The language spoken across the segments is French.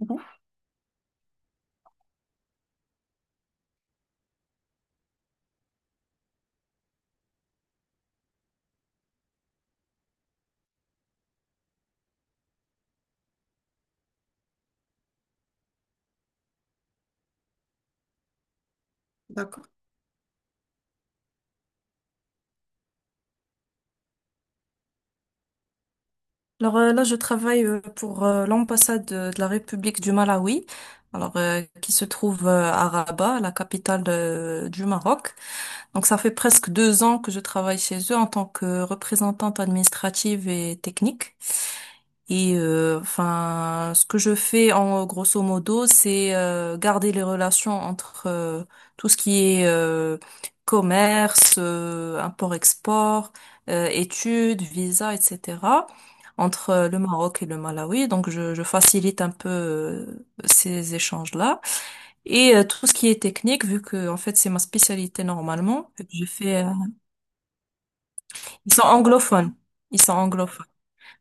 Mhm. D'accord. Alors là, je travaille pour l'ambassade de la République du Malawi, alors qui se trouve à Rabat, la capitale du Maroc. Donc ça fait presque 2 ans que je travaille chez eux en tant que représentante administrative et technique. Et enfin, ce que je fais en grosso modo, c'est garder les relations entre tout ce qui est commerce, import-export, études, visa, etc. Entre le Maroc et le Malawi. Donc, je facilite un peu ces échanges-là. Et tout ce qui est technique, vu que en fait c'est ma spécialité normalement, vu que je fais. Ils sont anglophones. Ils sont anglophones.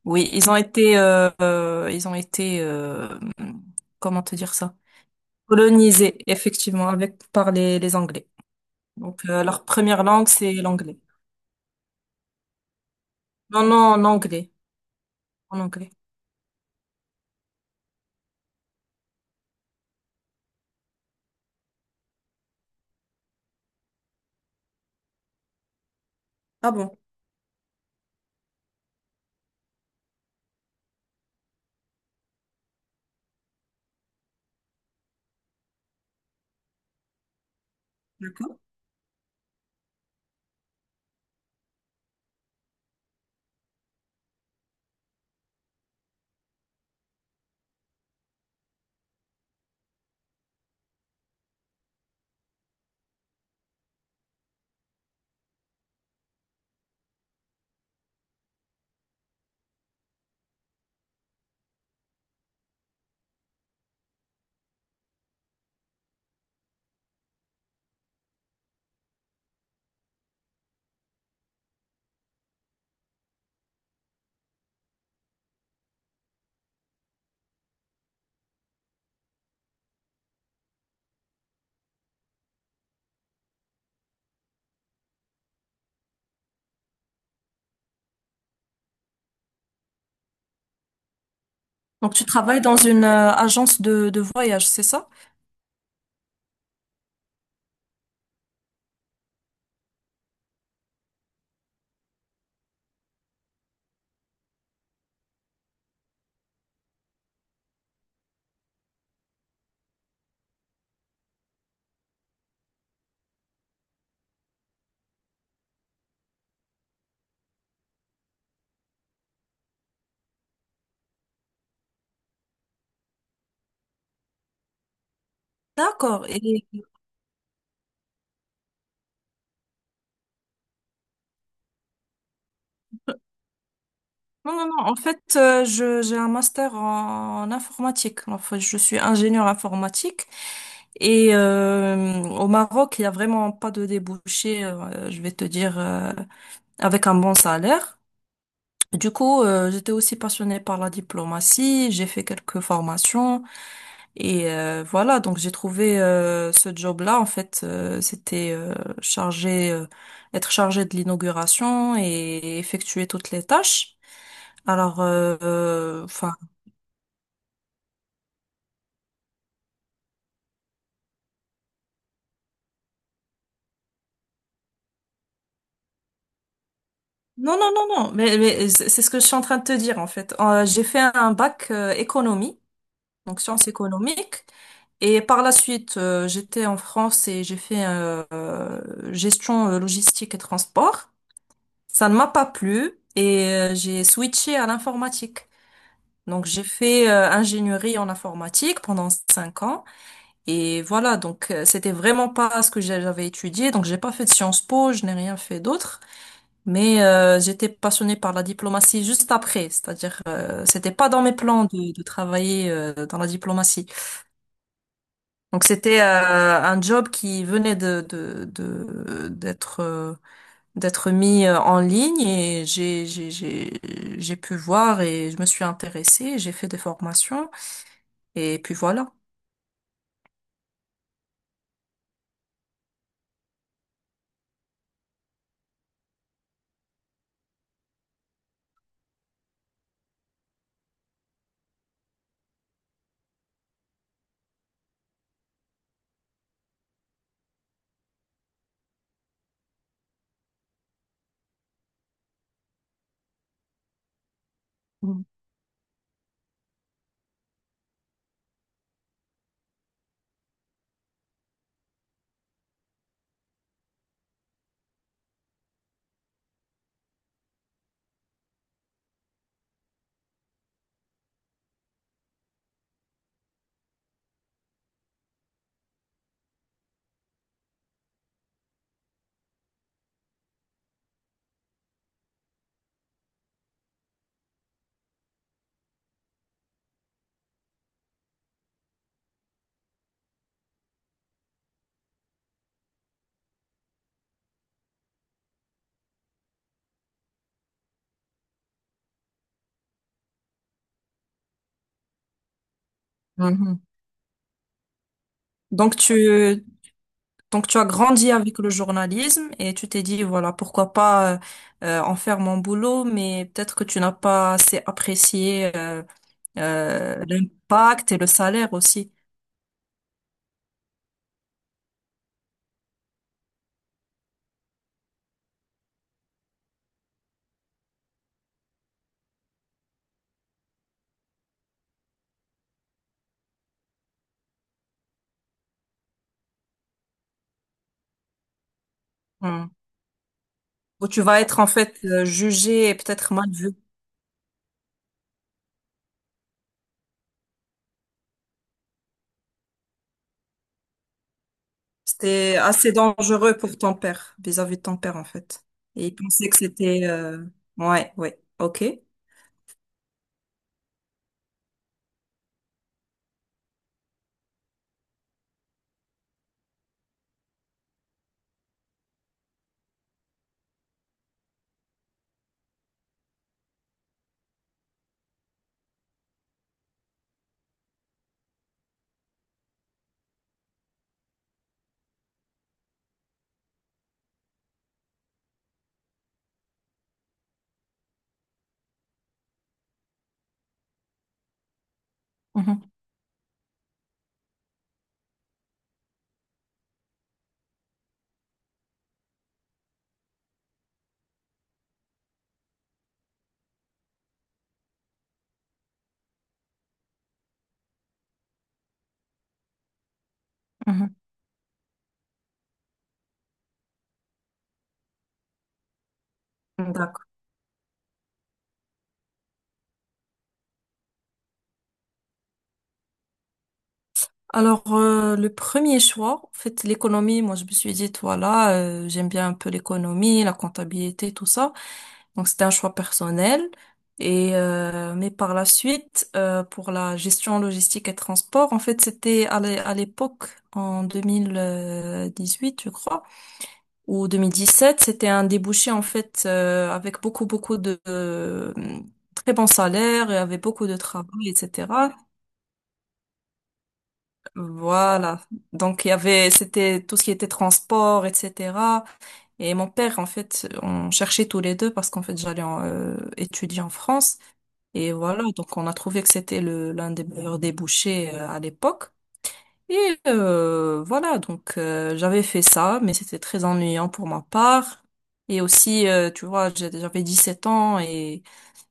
Oui, ils ont été, comment te dire ça? Colonisés, effectivement, avec par les Anglais. Donc, leur première langue, c'est l'anglais. Non, non, en anglais, en anglais. Ah bon, d'accord. Donc, tu travailles dans une agence de voyage, c'est ça? D'accord. Et, Non, non, non. En fait, je, j'ai un master en, en informatique. Enfin, je suis ingénieure informatique. Et au Maroc, il n'y a vraiment pas de débouché, je vais te dire, avec un bon salaire. Du coup, j'étais aussi passionnée par la diplomatie. J'ai fait quelques formations. Et voilà, donc j'ai trouvé ce job-là. En fait, c'était chargé, être chargé de l'inauguration et effectuer toutes les tâches. Alors, enfin, non, non, non, non, mais c'est ce que je suis en train de te dire en fait. J'ai fait un bac économie, donc sciences économiques, et par la suite, j'étais en France et j'ai fait gestion logistique et transport. Ça ne m'a pas plu et j'ai switché à l'informatique. Donc j'ai fait ingénierie en informatique pendant 5 ans et voilà donc c'était vraiment pas ce que j'avais étudié, donc j'ai pas fait de Sciences Po, je n'ai rien fait d'autre, mais j'étais passionnée par la diplomatie juste après, c'est-à-dire c'était pas dans mes plans de travailler dans la diplomatie, donc c'était un job qui venait d'être d'être mis en ligne. Et j'ai pu voir et je me suis intéressée, j'ai fait des formations et puis voilà. Mhm. Mhm. Donc donc tu as grandi avec le journalisme et tu t'es dit, voilà, pourquoi pas en faire mon boulot, mais peut-être que tu n'as pas assez apprécié l'impact et le salaire aussi. Mhm. Où tu vas être en fait jugé et peut-être mal vu. C'était assez dangereux pour ton père, vis-à-vis de ton père en fait. Et il pensait que c'était... Ouais, ouais, ok. Mhm. Mhm. D'accord. Alors, le premier choix, en fait, l'économie, moi, je me suis dit, voilà, j'aime bien un peu l'économie, la comptabilité, tout ça. Donc, c'était un choix personnel. Et, mais par la suite, pour la gestion logistique et transport, en fait, c'était à l'époque, en 2018, je crois, ou 2017, c'était un débouché, en fait, avec beaucoup de très bons salaires et avec beaucoup de travail, etc. Voilà. Donc, il y avait, c'était tout ce qui était transport, etc. Et mon père, en fait, on cherchait tous les deux parce qu'en fait, j'allais en, étudier en France. Et voilà. Donc, on a trouvé que c'était l'un des meilleurs débouchés, à l'époque. Et voilà. Donc, j'avais fait ça, mais c'était très ennuyant pour ma part. Et aussi, tu vois, j'avais 17 ans et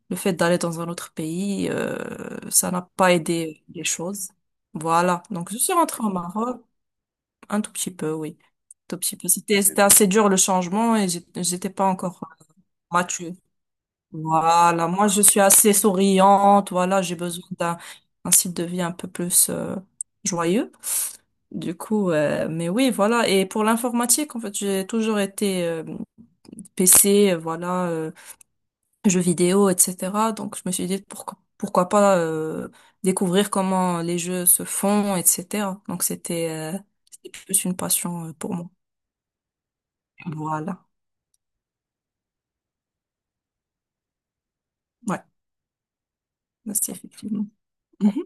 le fait d'aller dans un autre pays, ça n'a pas aidé les choses. Voilà. Donc, je suis rentrée au Maroc. Un tout petit peu, oui. Tout petit peu. C'était assez dur le changement et j'étais pas encore mature. Voilà, moi je suis assez souriante, voilà, j'ai besoin d'un un style de vie un peu plus joyeux. Du coup, mais oui, voilà. Et pour l'informatique, en fait, j'ai toujours été PC, voilà, jeux vidéo, etc. Donc je me suis dit pourquoi pas découvrir comment les jeux se font, etc. Donc c'était c'était plus une passion pour moi. Voilà. Ouais, merci, effectivement. Ouais, mhm,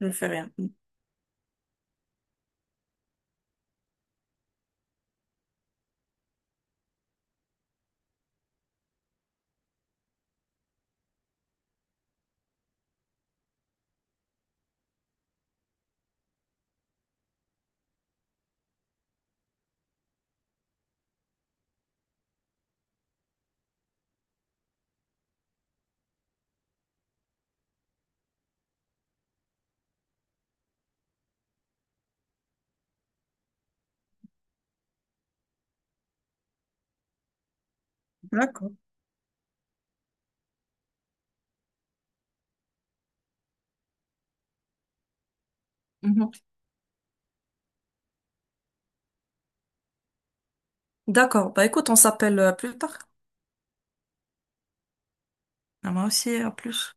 je le fais rien. D'accord. Mhm. D'accord. Bah écoute, on s'appelle plus tard. Ah, moi aussi, à plus.